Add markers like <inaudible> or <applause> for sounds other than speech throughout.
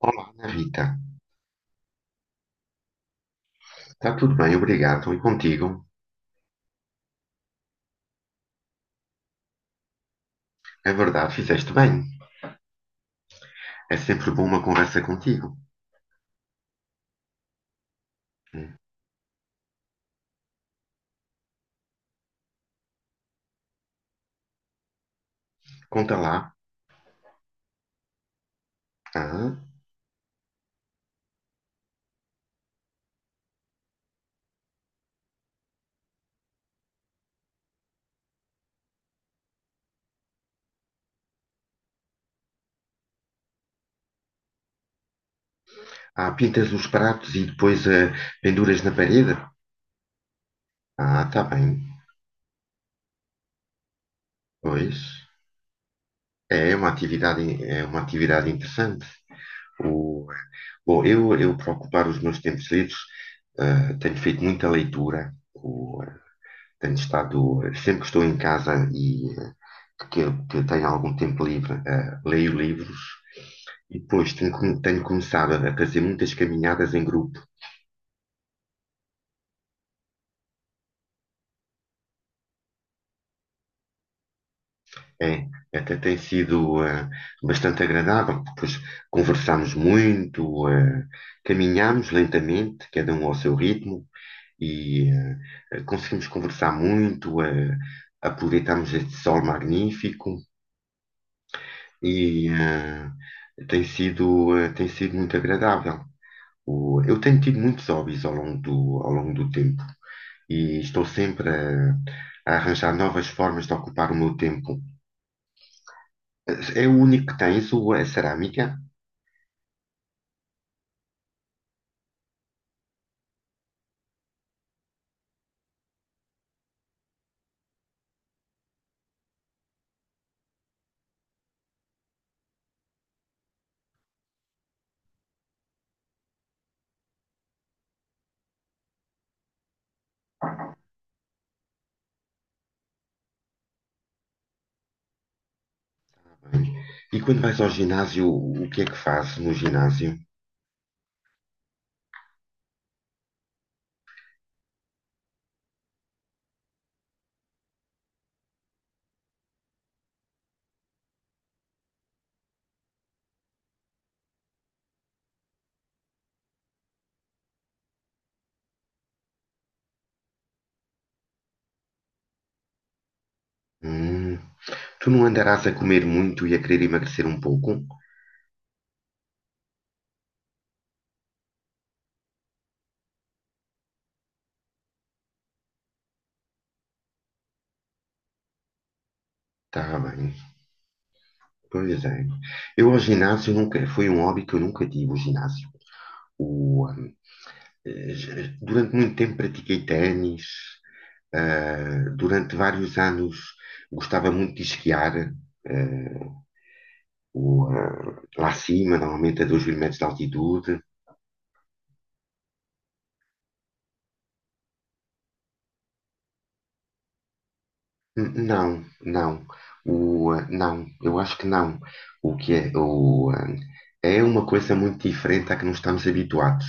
Olá, Ana Rita. Está tudo bem, obrigado. E contigo? É verdade, fizeste bem. É sempre bom uma conversa contigo. Hum. Conta lá. Ah, pintas os pratos e depois penduras na parede? Ah, está bem. Pois. É uma atividade interessante. O, Bom, eu para ocupar os meus tempos livres, tenho feito muita leitura. Tenho estado sempre que estou em casa e que, que tenho algum tempo livre, leio livros e depois tenho começado a fazer muitas caminhadas em grupo. É, até tem sido bastante agradável, porque depois conversamos muito, caminhamos lentamente, cada um ao seu ritmo, e conseguimos conversar muito, aproveitamos este sol magnífico e tem sido, tem sido muito agradável. Eu tenho tido muitos hobbies ao longo do tempo e estou sempre a arranjar novas formas de ocupar o meu tempo. É o único que tens, o, a cerâmica. E quando vais ao ginásio, o que é que fazes no ginásio? Hum, tu não andarás a comer muito e a querer emagrecer um pouco? Tá bem. Pois é. Eu ao ginásio nunca, foi um hobby que eu nunca tive, o ginásio. O, hum, Durante muito tempo pratiquei ténis, durante vários anos gostava muito de esquiar, ah, lá acima, normalmente a 2 mil metros de altitude. Não, não. Não, eu acho que não. O que é, o, eh, É uma coisa muito diferente à que não estamos habituados,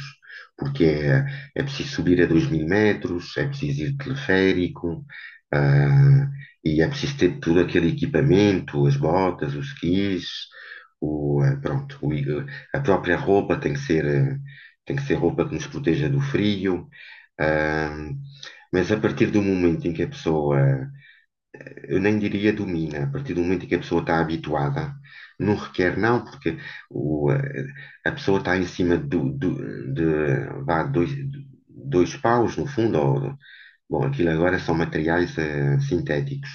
porque é, é preciso subir a 2 mil metros, é preciso ir de teleférico, ah, e é preciso ter todo aquele equipamento, as botas, os skis, pronto, a própria roupa tem que ser, tem que ser roupa que nos proteja do frio. ah, mas a partir do momento em que a pessoa, eu nem diria domina, a partir do momento em que a pessoa está habituada, não requer, não, porque o, a pessoa está em cima vá, dois paus, no fundo, ou, bom, aquilo agora são materiais sintéticos.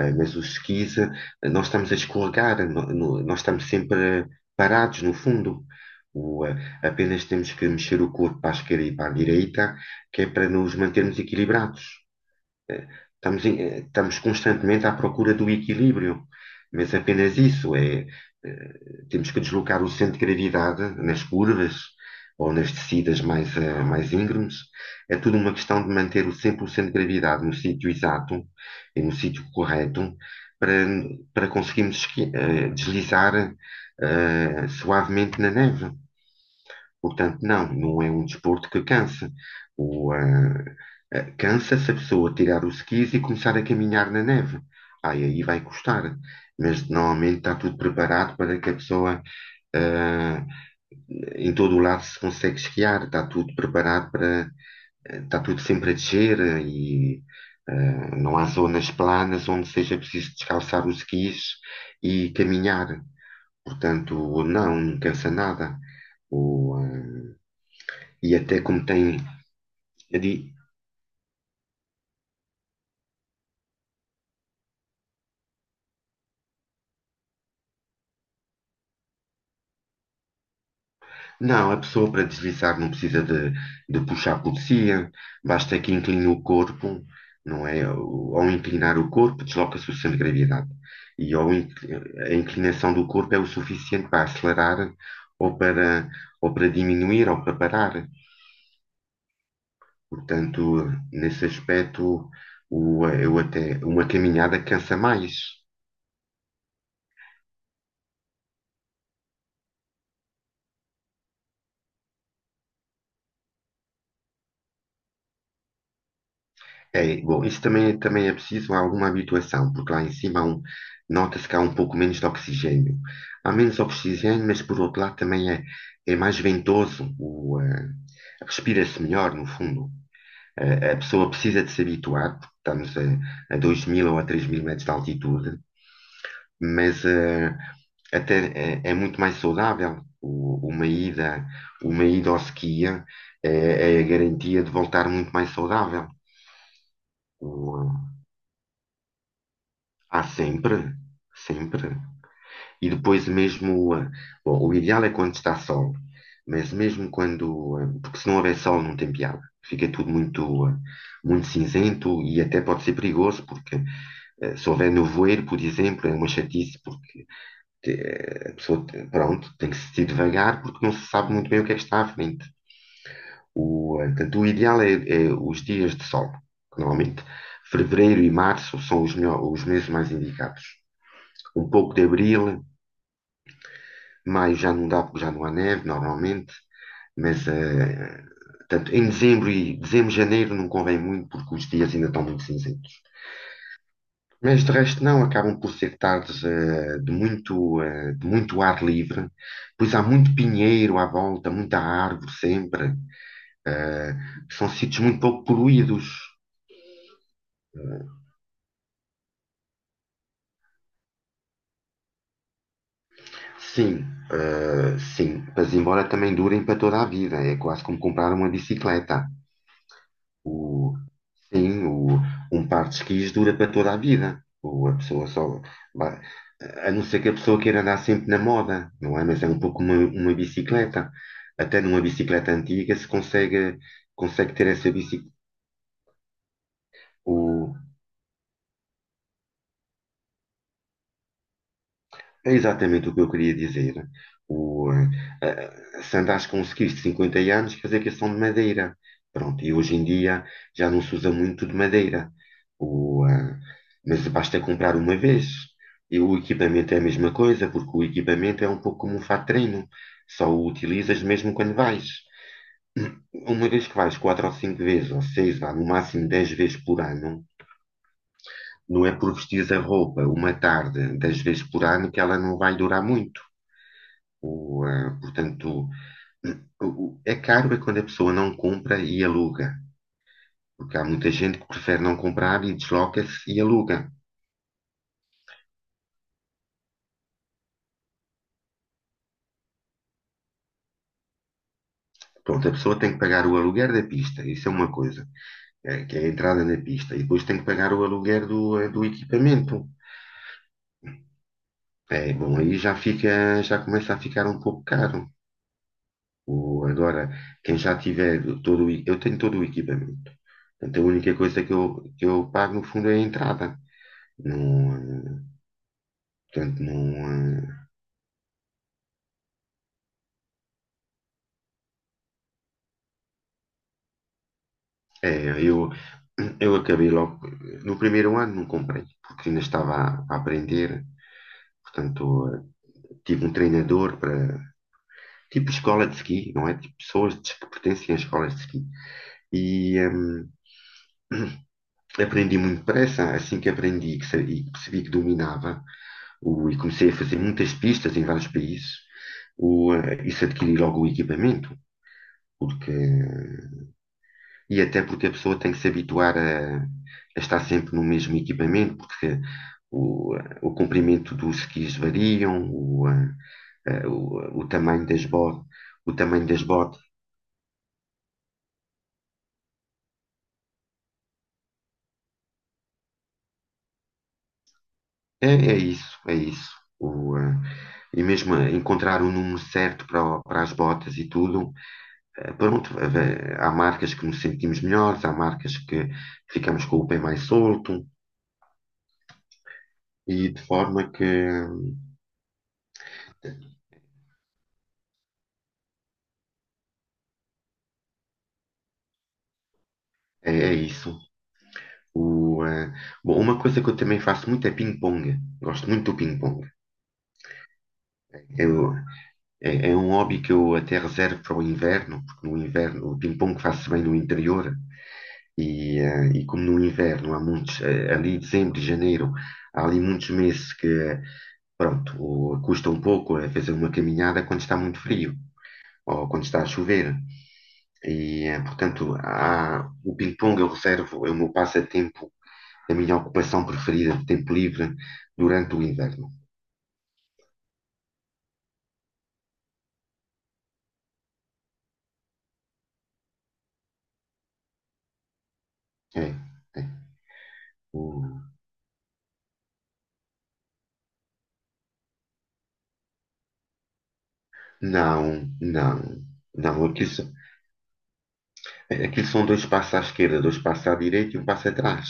Mas os skis, nós estamos a escorregar, nós estamos sempre parados, no fundo. O, eh, Apenas temos que mexer o corpo para a esquerda e para a direita, que é para nos mantermos equilibrados. Estamos constantemente à procura do equilíbrio, mas apenas isso é, temos que deslocar o centro de gravidade nas curvas ou nas descidas mais, mais íngremes. É tudo uma questão de manter o 100% de gravidade no sítio exato e no sítio correto para, para conseguirmos deslizar suavemente na neve. Portanto, não, não é um desporto que cansa. O, ah, Cansa se a pessoa tirar os skis e começar a caminhar na neve. Ai, aí vai custar. Mas normalmente está tudo preparado para que a pessoa, ah, em todo o lado, se consegue esquiar. Está tudo preparado para, está tudo sempre a descer e não há zonas planas onde seja preciso descalçar os skis e caminhar. Portanto, não, não cansa nada. O, eh, e até como tem, a di- não, a pessoa para deslizar não precisa de puxar por si, basta que incline o corpo, não é? Ao inclinar o corpo, desloca-se o centro de gravidade. E ao in- a inclinação do corpo é o suficiente para acelerar ou para, ou para diminuir ou para parar. Portanto, nesse aspecto, eu até, uma caminhada cansa mais. É, bom, isso também, também é preciso alguma habituação, porque lá em cima nota-se que há um pouco menos de oxigênio. Há menos oxigênio, mas por outro lado também é, é mais ventoso, respira-se melhor, no fundo. A pessoa precisa de se habituar, porque estamos a 2 mil ou a 3 mil metros de altitude, mas até é, é muito mais saudável. Uma ida ao ski é a garantia de voltar muito mais saudável. Há sempre, sempre. E depois mesmo, bom, o ideal é quando está sol, mas mesmo quando, porque se não houver sol não tem piada. Fica tudo muito, muito cinzento e até pode ser perigoso, porque se houver nevoeiro, por exemplo, é uma chatice, porque a pessoa, pronto, tem que se ir devagar, porque não se sabe muito bem o que é que está à frente. Portanto, o ideal é, é os dias de sol, que normalmente. Fevereiro e março são os, os meses mais indicados. Um pouco de abril, maio já não dá, porque já não há neve, normalmente, mas portanto, em dezembro, janeiro não convém muito, porque os dias ainda estão muito cinzentos. Mas de resto não, acabam por ser tardes de muito, de muito ar livre, pois há muito pinheiro à volta, muita árvore sempre, eh, são sítios muito pouco poluídos. Sim, sim, mas embora também durem para toda a vida, é quase como comprar uma bicicleta. O, sim, um par de esquis dura para toda a vida. A pessoa só vai- a não ser que a pessoa queira andar sempre na moda, não é? Mas é um pouco uma bicicleta. Até numa bicicleta antiga se consegue, consegue ter essa bicicleta. É exatamente o que eu queria dizer. O, eh, Se andares com um skiff de 50 anos, quer dizer que são de madeira. Pronto, e hoje em dia já não se usa muito de madeira. O, eh, mas basta comprar uma vez. E o equipamento é a mesma coisa, porque o equipamento é um pouco como um fato de treino. Só o utilizas mesmo quando vais. Uma vez que vais quatro ou cinco vezes, ou seis, vá, no máximo 10 vezes por ano, não é por vestir a roupa uma tarde 10 vezes por ano que ela não vai durar muito. Portanto, é caro é quando a pessoa não compra e aluga, porque há muita gente que prefere não comprar e desloca-se e aluga. Pronto, a pessoa tem que pagar o aluguer da pista, isso é uma coisa, que é a entrada na pista, e depois tem que pagar o aluguer do, do equipamento. É, bom, aí já fica, já começa a ficar um pouco caro. Agora, quem já tiver eu tenho todo o equipamento. Portanto, a única coisa que eu pago no fundo é a entrada. Não, eh, Portanto, não, eh, é, eu acabei logo. No primeiro ano não comprei, porque ainda estava a aprender. Portanto, tive um treinador para. Tipo escola de ski, não é? Tipo que pertencem a escolas de ski. E <clears throat> aprendi muito depressa. Assim que aprendi e percebi que dominava, e comecei a fazer muitas pistas em vários países, isso adquiri logo o equipamento. Porque e até porque a pessoa tem que se habituar a estar sempre no mesmo equipamento, porque o, o comprimento dos skis variam, o tamanho das botas, o tamanho das botas. É, é isso, é isso. O, eh, e mesmo encontrar o número certo para, para as botas e tudo, pronto, há marcas que nos sentimos melhores, há marcas que ficamos com o pé mais solto, e de forma que é é isso. O, eh, Bom, uma coisa que eu também faço muito é ping-pong. Gosto muito do ping-pong. Eu- É, é um hobby que eu até reservo para o inverno, porque no inverno o ping-pong faz-se bem no interior e, e como no inverno há muitos, ali dezembro janeiro, há ali muitos meses que, pronto, custa um pouco fazer uma caminhada quando está muito frio ou quando está a chover. E, portanto, o ping-pong eu reservo, é o meu passatempo, a minha ocupação preferida de tempo livre durante o inverno. É, é. O- Não, não, não, aquilo, aquilo são dois passos à esquerda, dois passos à direita e um passo atrás.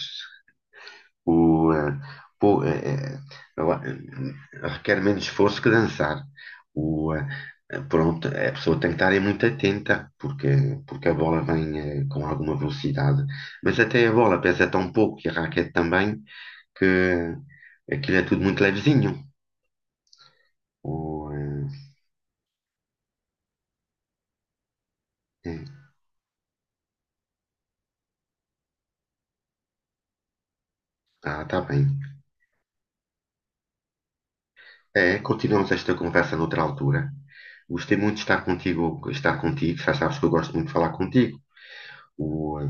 O, eh, pô, eh, eh, eu a- eh, Requer menos esforço que dançar. O, eh, Pronto, a pessoa tem que estar aí muito atenta, porque, porque a bola vem com alguma velocidade. Mas até a bola pesa tão pouco e a raquete também, que aquilo é tudo muito levezinho. O, eh, eh, ah, Tá bem. É, continuamos esta conversa noutra altura. Gostei muito de estar contigo, estar contigo. Já sabes que eu gosto muito de falar contigo. O, eh,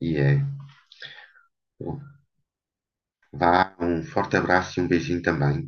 E é. Vá, um forte abraço e um beijinho também.